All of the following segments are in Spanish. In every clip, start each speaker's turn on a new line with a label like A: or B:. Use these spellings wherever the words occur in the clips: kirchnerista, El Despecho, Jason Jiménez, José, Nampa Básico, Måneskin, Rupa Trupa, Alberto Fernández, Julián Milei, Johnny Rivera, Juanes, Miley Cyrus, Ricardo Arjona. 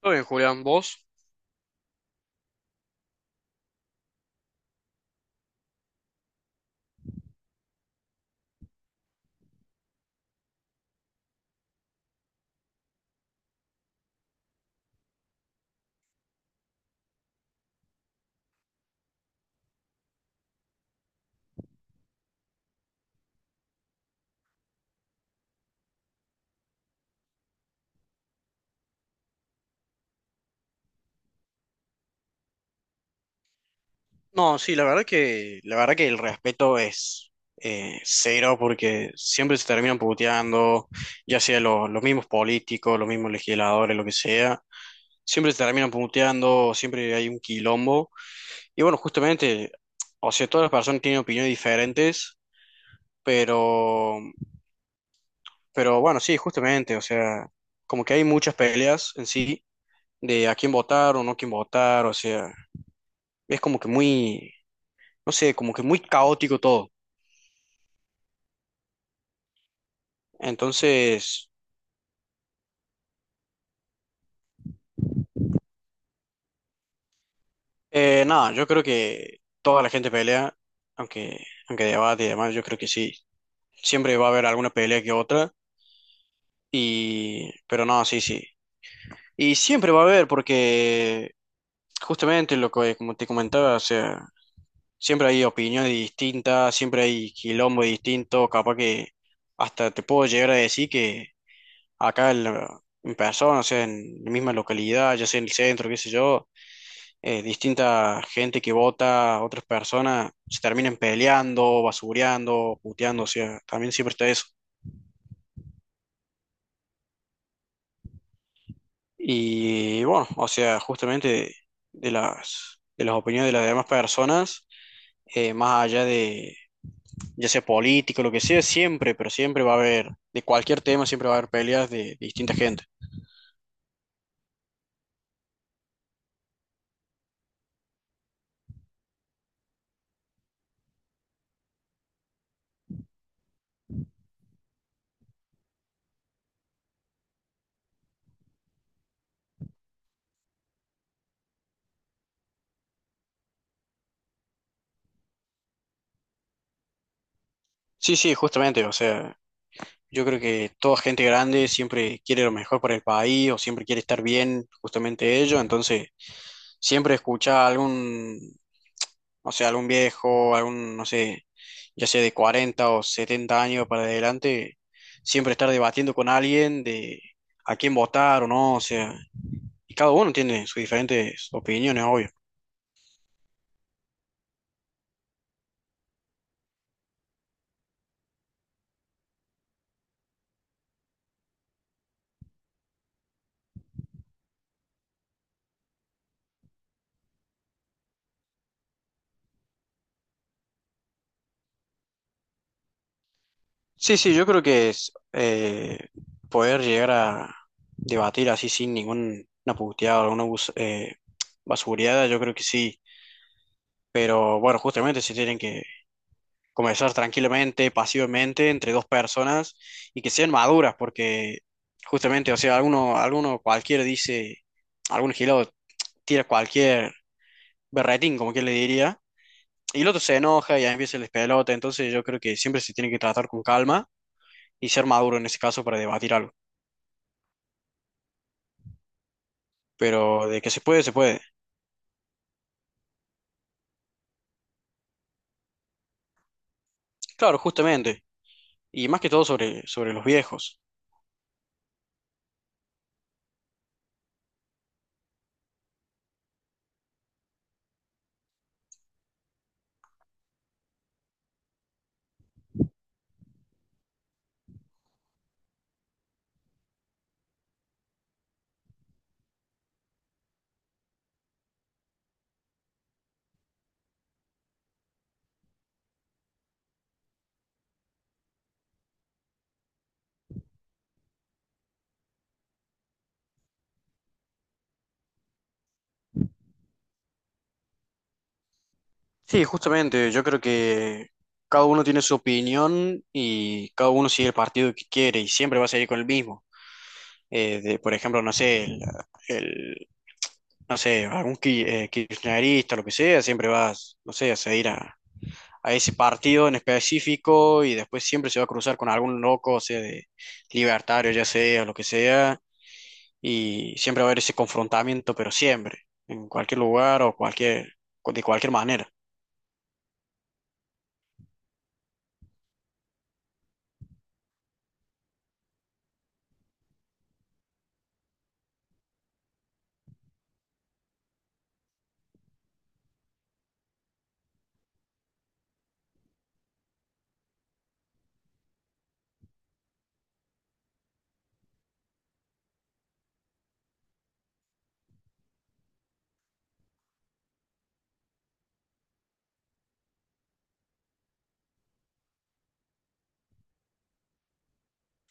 A: Todo bien, Julián, ¿vos? No, sí, la verdad que el respeto es cero porque siempre se terminan puteando, ya sea los mismos políticos, los mismos legisladores, lo que sea, siempre se terminan puteando, siempre hay un quilombo. Y bueno, justamente, o sea, todas las personas tienen opiniones diferentes, pero, pero bueno, sí, justamente, o sea, como que hay muchas peleas en sí de a quién votar o no quién votar, o sea, es como que muy... No sé, como que muy caótico todo. Entonces, nada, yo creo que toda la gente pelea, aunque, aunque debate y demás, yo creo que sí. Siempre va a haber alguna pelea que otra. Y, pero no, sí, sí. Y siempre va a haber, porque justamente lo que, como te comentaba, o sea, siempre hay opiniones distintas, siempre hay quilombo distinto, capaz que hasta te puedo llegar a decir que acá, en persona, o sea, en la misma localidad, ya sea en el centro, qué sé yo, distinta gente que vota, otras personas se terminan peleando, basureando, puteando, o sea, también siempre está eso. Y bueno, o sea, justamente de las opiniones de las demás personas, más allá de, ya sea político, lo que sea, siempre, pero siempre va a haber, de cualquier tema, siempre va a haber peleas de distinta gente. Sí, sí, justamente, o sea, yo creo que toda gente grande siempre quiere lo mejor para el país o siempre quiere estar bien, justamente ellos. Entonces, siempre escucha a algún, o sea, algún viejo, algún, no sé, ya sea de 40 o 70 años para adelante, siempre estar debatiendo con alguien de a quién votar o no. O sea, y cada uno tiene sus diferentes opiniones, obvio. Sí, sí, yo creo que es poder llegar a debatir así sin ninguna puteada o alguna basureada, yo creo que sí. Pero bueno, justamente se tienen que comenzar tranquilamente, pasivamente, entre dos personas y que sean maduras, porque justamente, o sea, alguno cualquiera dice, algún gilado tira cualquier berretín, como quien le diría, y el otro se enoja y ahí empieza el despelota. Entonces yo creo que siempre se tiene que tratar con calma y ser maduro en ese caso para debatir algo. Pero de que se puede, se puede. Claro, justamente, y más que todo sobre los viejos. Sí, justamente, yo creo que cada uno tiene su opinión y cada uno sigue el partido que quiere y siempre va a seguir con el mismo. De por ejemplo, no sé, el- no sé, algún kirchnerista, lo que sea, siempre va, no sé, a seguir a ese partido en específico y después siempre se va a cruzar con algún loco, o sea, de libertario, ya sea, lo que sea, y siempre va a haber ese confrontamiento, pero siempre, en cualquier lugar o cualquier, de cualquier manera.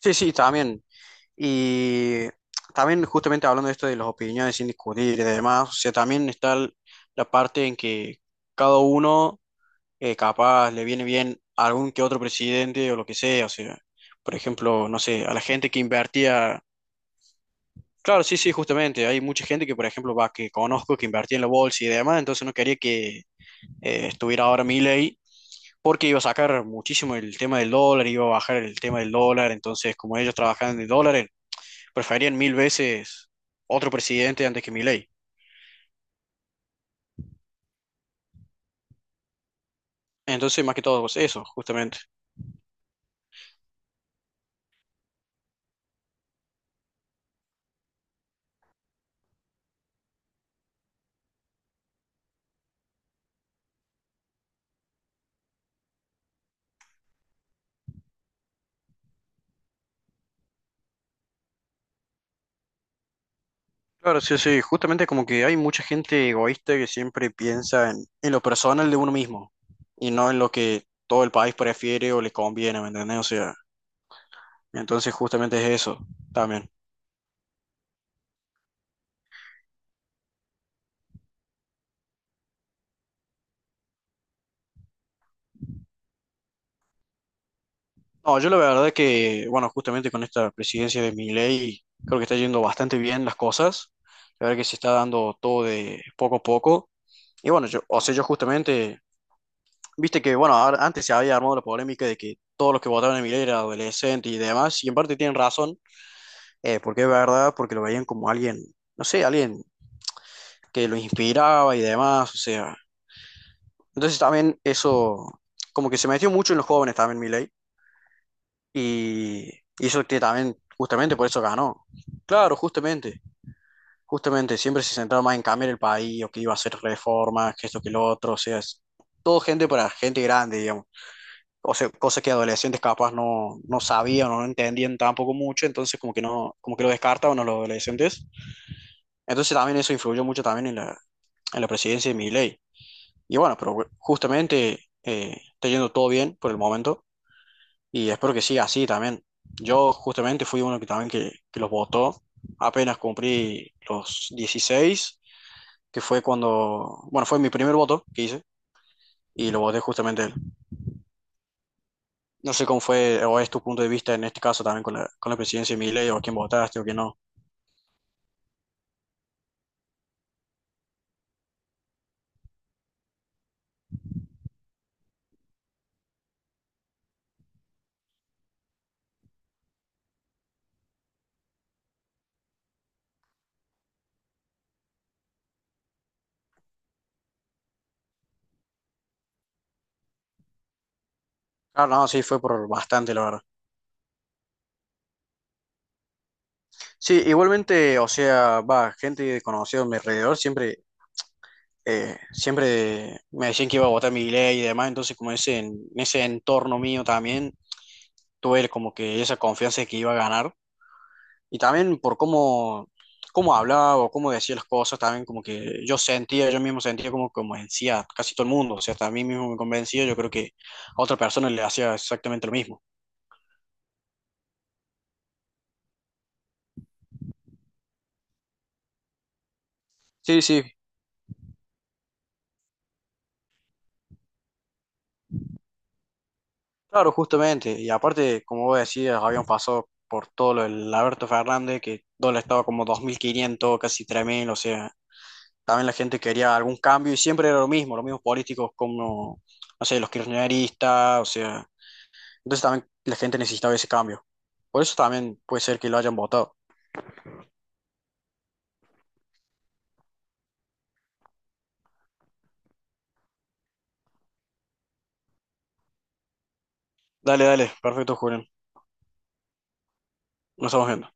A: Sí, sí, también. Y también justamente hablando de esto de las opiniones sin discutir y demás, o sea, también está la parte en que cada uno capaz le viene bien a algún que otro presidente o lo que sea, o sea, por ejemplo, no sé, a la gente que invertía, claro, sí, sí, justamente, hay mucha gente que, por ejemplo, va, que conozco, que invertía en la bolsa y demás, entonces no quería que estuviera ahora Milei, porque iba a sacar muchísimo el tema del dólar, iba a bajar el tema del dólar, entonces como ellos trabajaban de dólares, preferían mil veces otro presidente antes que Milei. Entonces, más que todo, pues, eso, justamente. Claro, sí, sí, justamente como que hay mucha gente egoísta que siempre piensa en lo personal de uno mismo y no en lo que todo el país prefiere o le conviene, ¿me entendés? O sea, entonces justamente es eso también. No, yo la verdad que, bueno, justamente con esta presidencia de Milei, creo que está yendo bastante bien las cosas. La verdad que se está dando todo de poco a poco. Y bueno, yo, o sea, yo justamente, viste que, bueno, ahora- antes se había armado la polémica de que todos los que votaron a Milei eran adolescentes y demás, y en parte tienen razón, porque es verdad, porque lo veían como alguien, no sé, alguien que lo inspiraba y demás, o sea. Entonces también eso, como que se metió mucho en los jóvenes también Milei. Y hizo que también, justamente por eso ganó. Claro, justamente, siempre se centraba más en cambiar el país o que iba a hacer reformas, que esto, que lo otro, o sea, es todo gente para gente grande, digamos. O sea, cosas que adolescentes capaz no sabían o no entendían tampoco mucho, entonces como que no, como que lo descartaban a los adolescentes. Entonces también eso influyó mucho también en en la presidencia de Milei. Y bueno, pero justamente está yendo todo bien por el momento. Y espero que siga así también. Yo justamente fui uno que también que los votó apenas cumplí los 16, que fue cuando, bueno, fue mi primer voto que hice y lo voté justamente a él. No sé cómo fue o es tu punto de vista en este caso también con con la presidencia de Milei o a quién votaste o quién no. Ah, no, sí, fue por bastante, la verdad. Sí, igualmente, o sea, va, gente conocida a mi alrededor siempre siempre me decían que iba a votar mi ley y demás, entonces como ese, en ese entorno mío también tuve como que esa confianza de que iba a ganar y también por cómo, cómo hablaba o cómo decía las cosas, también como que yo sentía, yo mismo sentía como como decía casi todo el mundo, o sea, hasta a mí mismo me convencía, yo creo que a otra persona le hacía exactamente lo mismo. Sí, sí. Claro, justamente. Y aparte, como vos decías, habíamos pasado por todo lo del Alberto Fernández, que dólar estaba como 2500, casi 3000, o sea, también la gente quería algún cambio y siempre era lo mismo, los mismos políticos como, no sé, los kirchneristas, o sea, entonces también la gente necesitaba ese cambio. Por eso también puede ser que lo hayan votado. Dale, dale, perfecto, Julián. Nos estamos viendo.